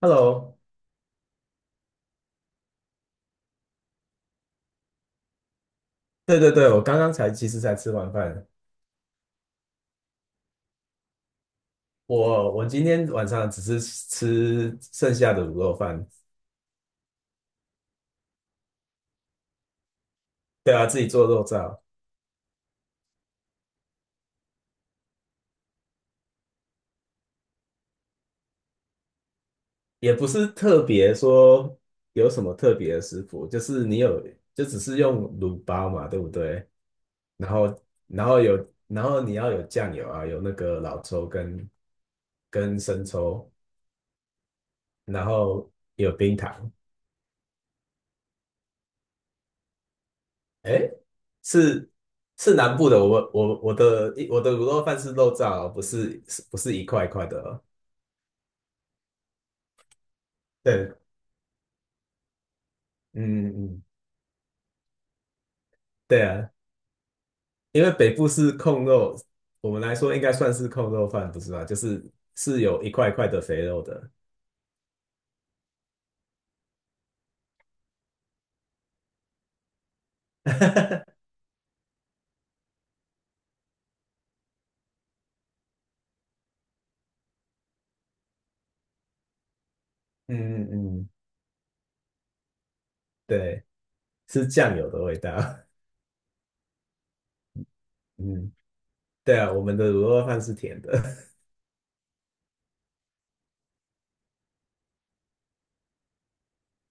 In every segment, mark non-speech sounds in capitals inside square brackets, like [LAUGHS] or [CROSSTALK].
Hello，对对对，我刚刚才其实才吃完饭，我今天晚上只是吃剩下的卤肉饭，对啊，自己做肉燥。也不是特别说有什么特别的食谱，就是你有就只是用卤包嘛，对不对？然后然后有然后你要有酱油啊，有那个老抽跟生抽，然后有冰糖。哎，是是南部的。我的卤肉饭是肉燥哦，不是是不是一块一块的哦？对，嗯嗯，对啊，因为北部是控肉，我们来说应该算是控肉饭，不是吗？就是是有一块一块的肥肉的。[LAUGHS] 嗯嗯嗯，对，是酱油的味道。[LAUGHS] 嗯，对啊，我们的卤肉饭是甜的。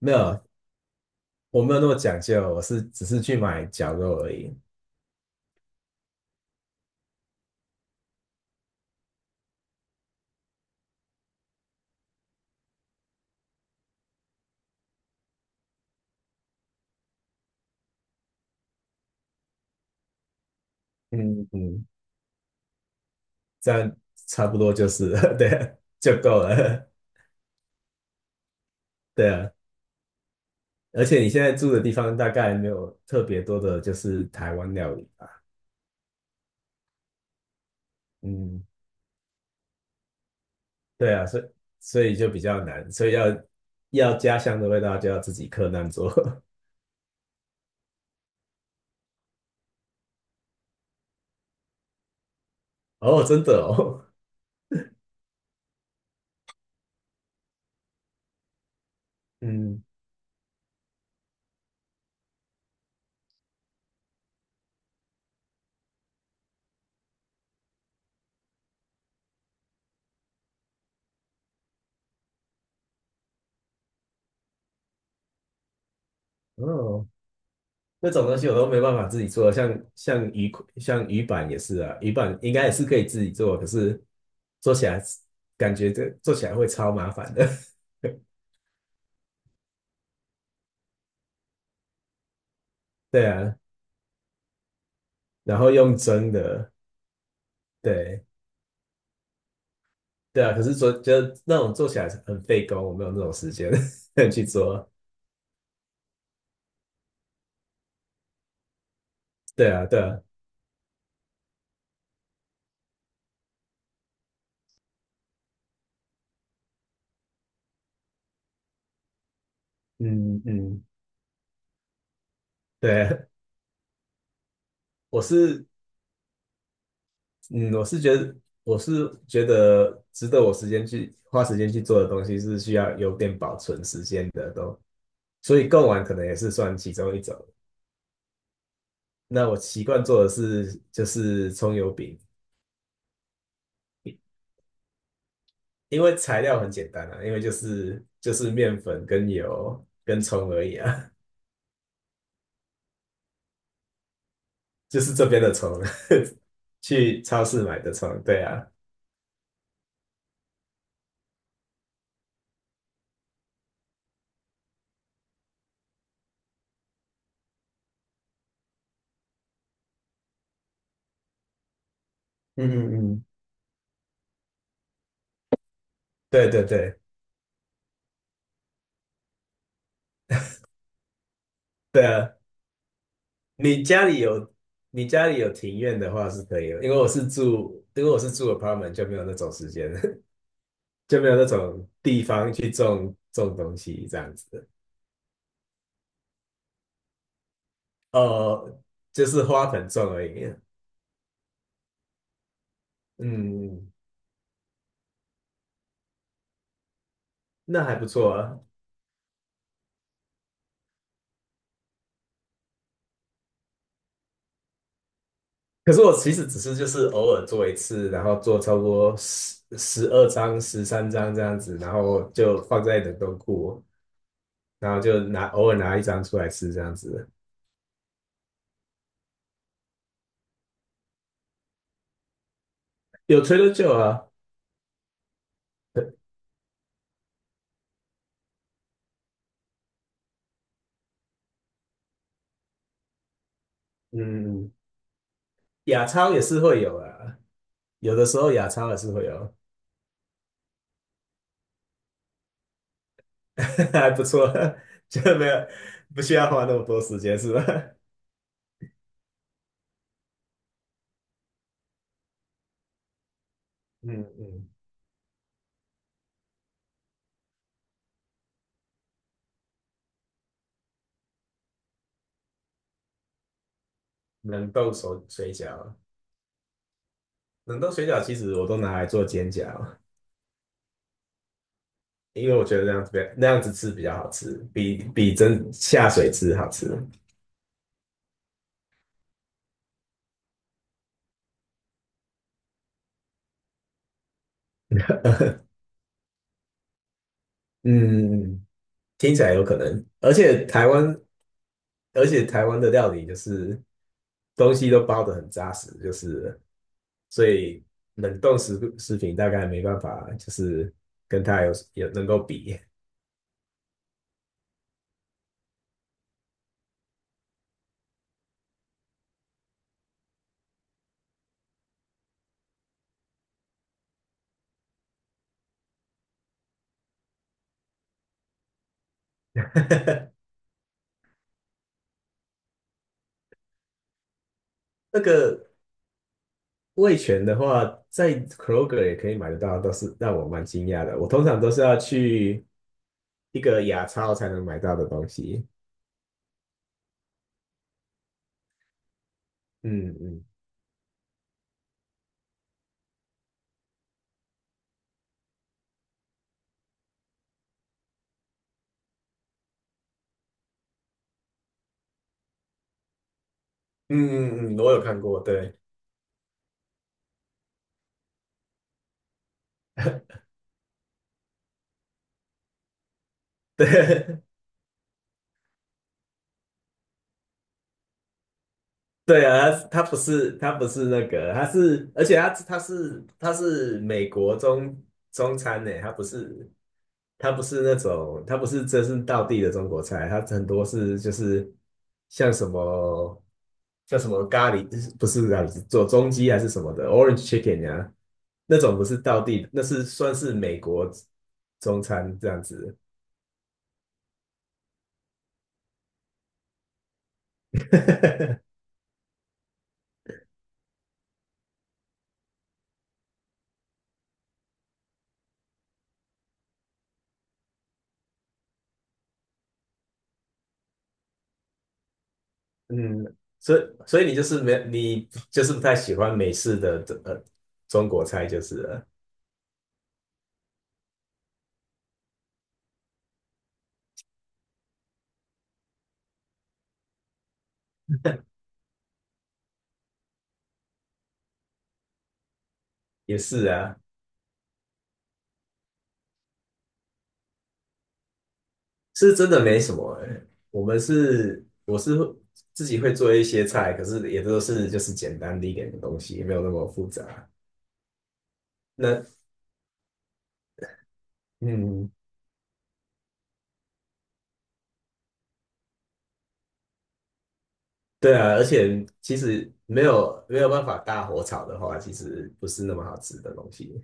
[LAUGHS] 没有，我没有那么讲究，只是去买绞肉而已。嗯嗯。这样差不多就是 [LAUGHS] 对啊，就够了。[LAUGHS] 对啊。而且你现在住的地方大概没有特别多的，就是台湾料理吧。嗯，对啊，所以就比较难，所以要家乡的味道就要自己克难做。[LAUGHS] 哦，真的哦。嗯，哦，那种东西我都没办法自己做，像鱼板也是啊，鱼板应该也是可以自己做，可是做起来感觉这做起来会超麻烦的。[LAUGHS] 对啊，然后用蒸的。对，对啊，可是做得那种做起来很费工，我没有那种时间 [LAUGHS] 去做。对啊，对啊，嗯嗯，对，我是嗯，我是觉得我是觉得值得我时间去花时间去做的东西是需要有点保存时间的都，所以贡丸可能也是算其中一种。那我习惯做的是就是葱油饼，因为材料很简单啊，因为就是面粉跟油跟葱而已啊。就是这边的虫。[LAUGHS] 去超市买的虫，对啊，嗯嗯嗯，对对对，对啊，你家里有你家里有庭院的话是可以的，因为我是住 apartment 就没有那种时间。[LAUGHS] 就没有那种地方去种种东西这样子的。哦，就是花盆种而已。嗯，那还不错啊。可是我其实只是就是偶尔做一次，然后做差不多12张、13张这样子，然后就放在冷冻库，然后就偶尔拿一张出来吃这样子。有吹的就啊。嗯，亚超也是会有啊。有的时候亚超也是会有。[LAUGHS] 还不错。[LAUGHS] 就没有，不需要花那么多时间是吧？嗯嗯。冷冻水饺，冷冻水饺其实我都拿来做煎饺。因为我觉得那样子吃比较好吃，比真下水吃好吃。[LAUGHS] 嗯，听起来有可能。而且台湾的料理就是东西都包得很扎实，就是所以冷冻食品大概没办法，就是跟它能够比。[LAUGHS] 那个味全的话，在 Kroger 也可以买得到，都是让我蛮惊讶的。我通常都是要去一个亚超才能买到的东西。嗯嗯。嗯嗯嗯，我有看过，对。 [LAUGHS] 对，对啊，他不是那个，而且他是美国中餐呢，他不是真是道地的中国菜。他很多是就是像什么像什么咖喱，不是咖喱，做中鸡还是什么的，orange chicken 呀、那种不是道地，那是算是美国中餐这样子。[LAUGHS] 嗯，所以所以你就是不太喜欢美式的中国菜，就是了。也是啊，是真的没什么欸。我是自己会做一些菜，可是也都是就是简单的一点的东西，没有那么复杂。那嗯，对啊，而且其实没有办法大火炒的话，其实不是那么好吃的东西。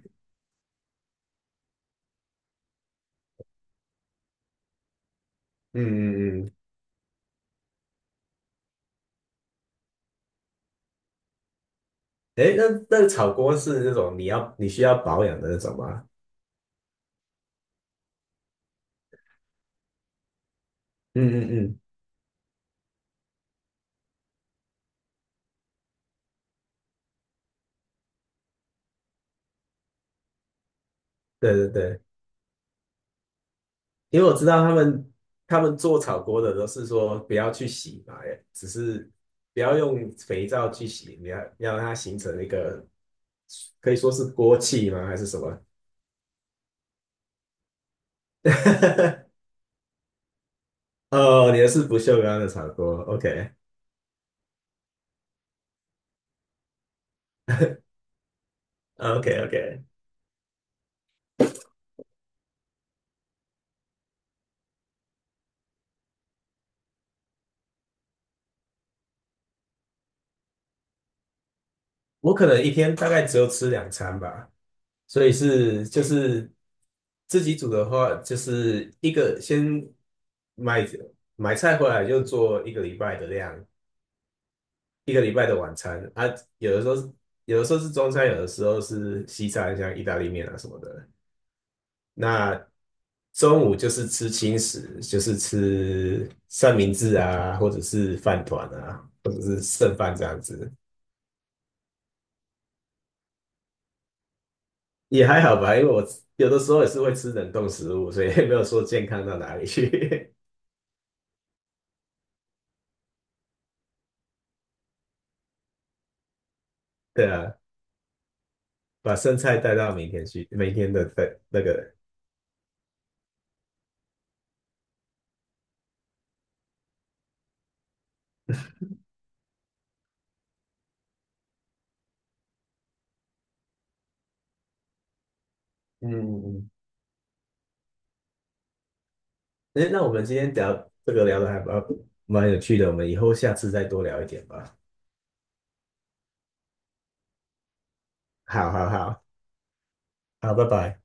嗯嗯嗯，哎，那个炒锅是那种你需要保养的那种吗？嗯嗯嗯，对对对。因为我知道他们做炒锅的都是说不要去洗嘛，只是不要用肥皂去洗，你要让它形成一个可以说是锅气吗？还是什么？[LAUGHS] 哦，你的是不锈钢的炒锅，OK OK OK。我可能一天大概只有吃2餐吧，所以是就是自己煮的话，就是一个先买买菜回来就做一个礼拜的量，一个礼拜的晚餐啊。有的时候是有的时候是中餐，有的时候是西餐，像意大利面啊什么的。那中午就是吃轻食，就是吃三明治啊，或者是饭团啊，或者是剩饭这样子。也还好吧。因为我有的时候也是会吃冷冻食物，所以也没有说健康到哪里去。[LAUGHS] 对啊，把剩菜带到明天去，明天的那个。嗯嗯嗯，哎，那我们今天聊这个聊的还蛮有趣的，我们以后下次再多聊一点吧。好好好，好，拜拜。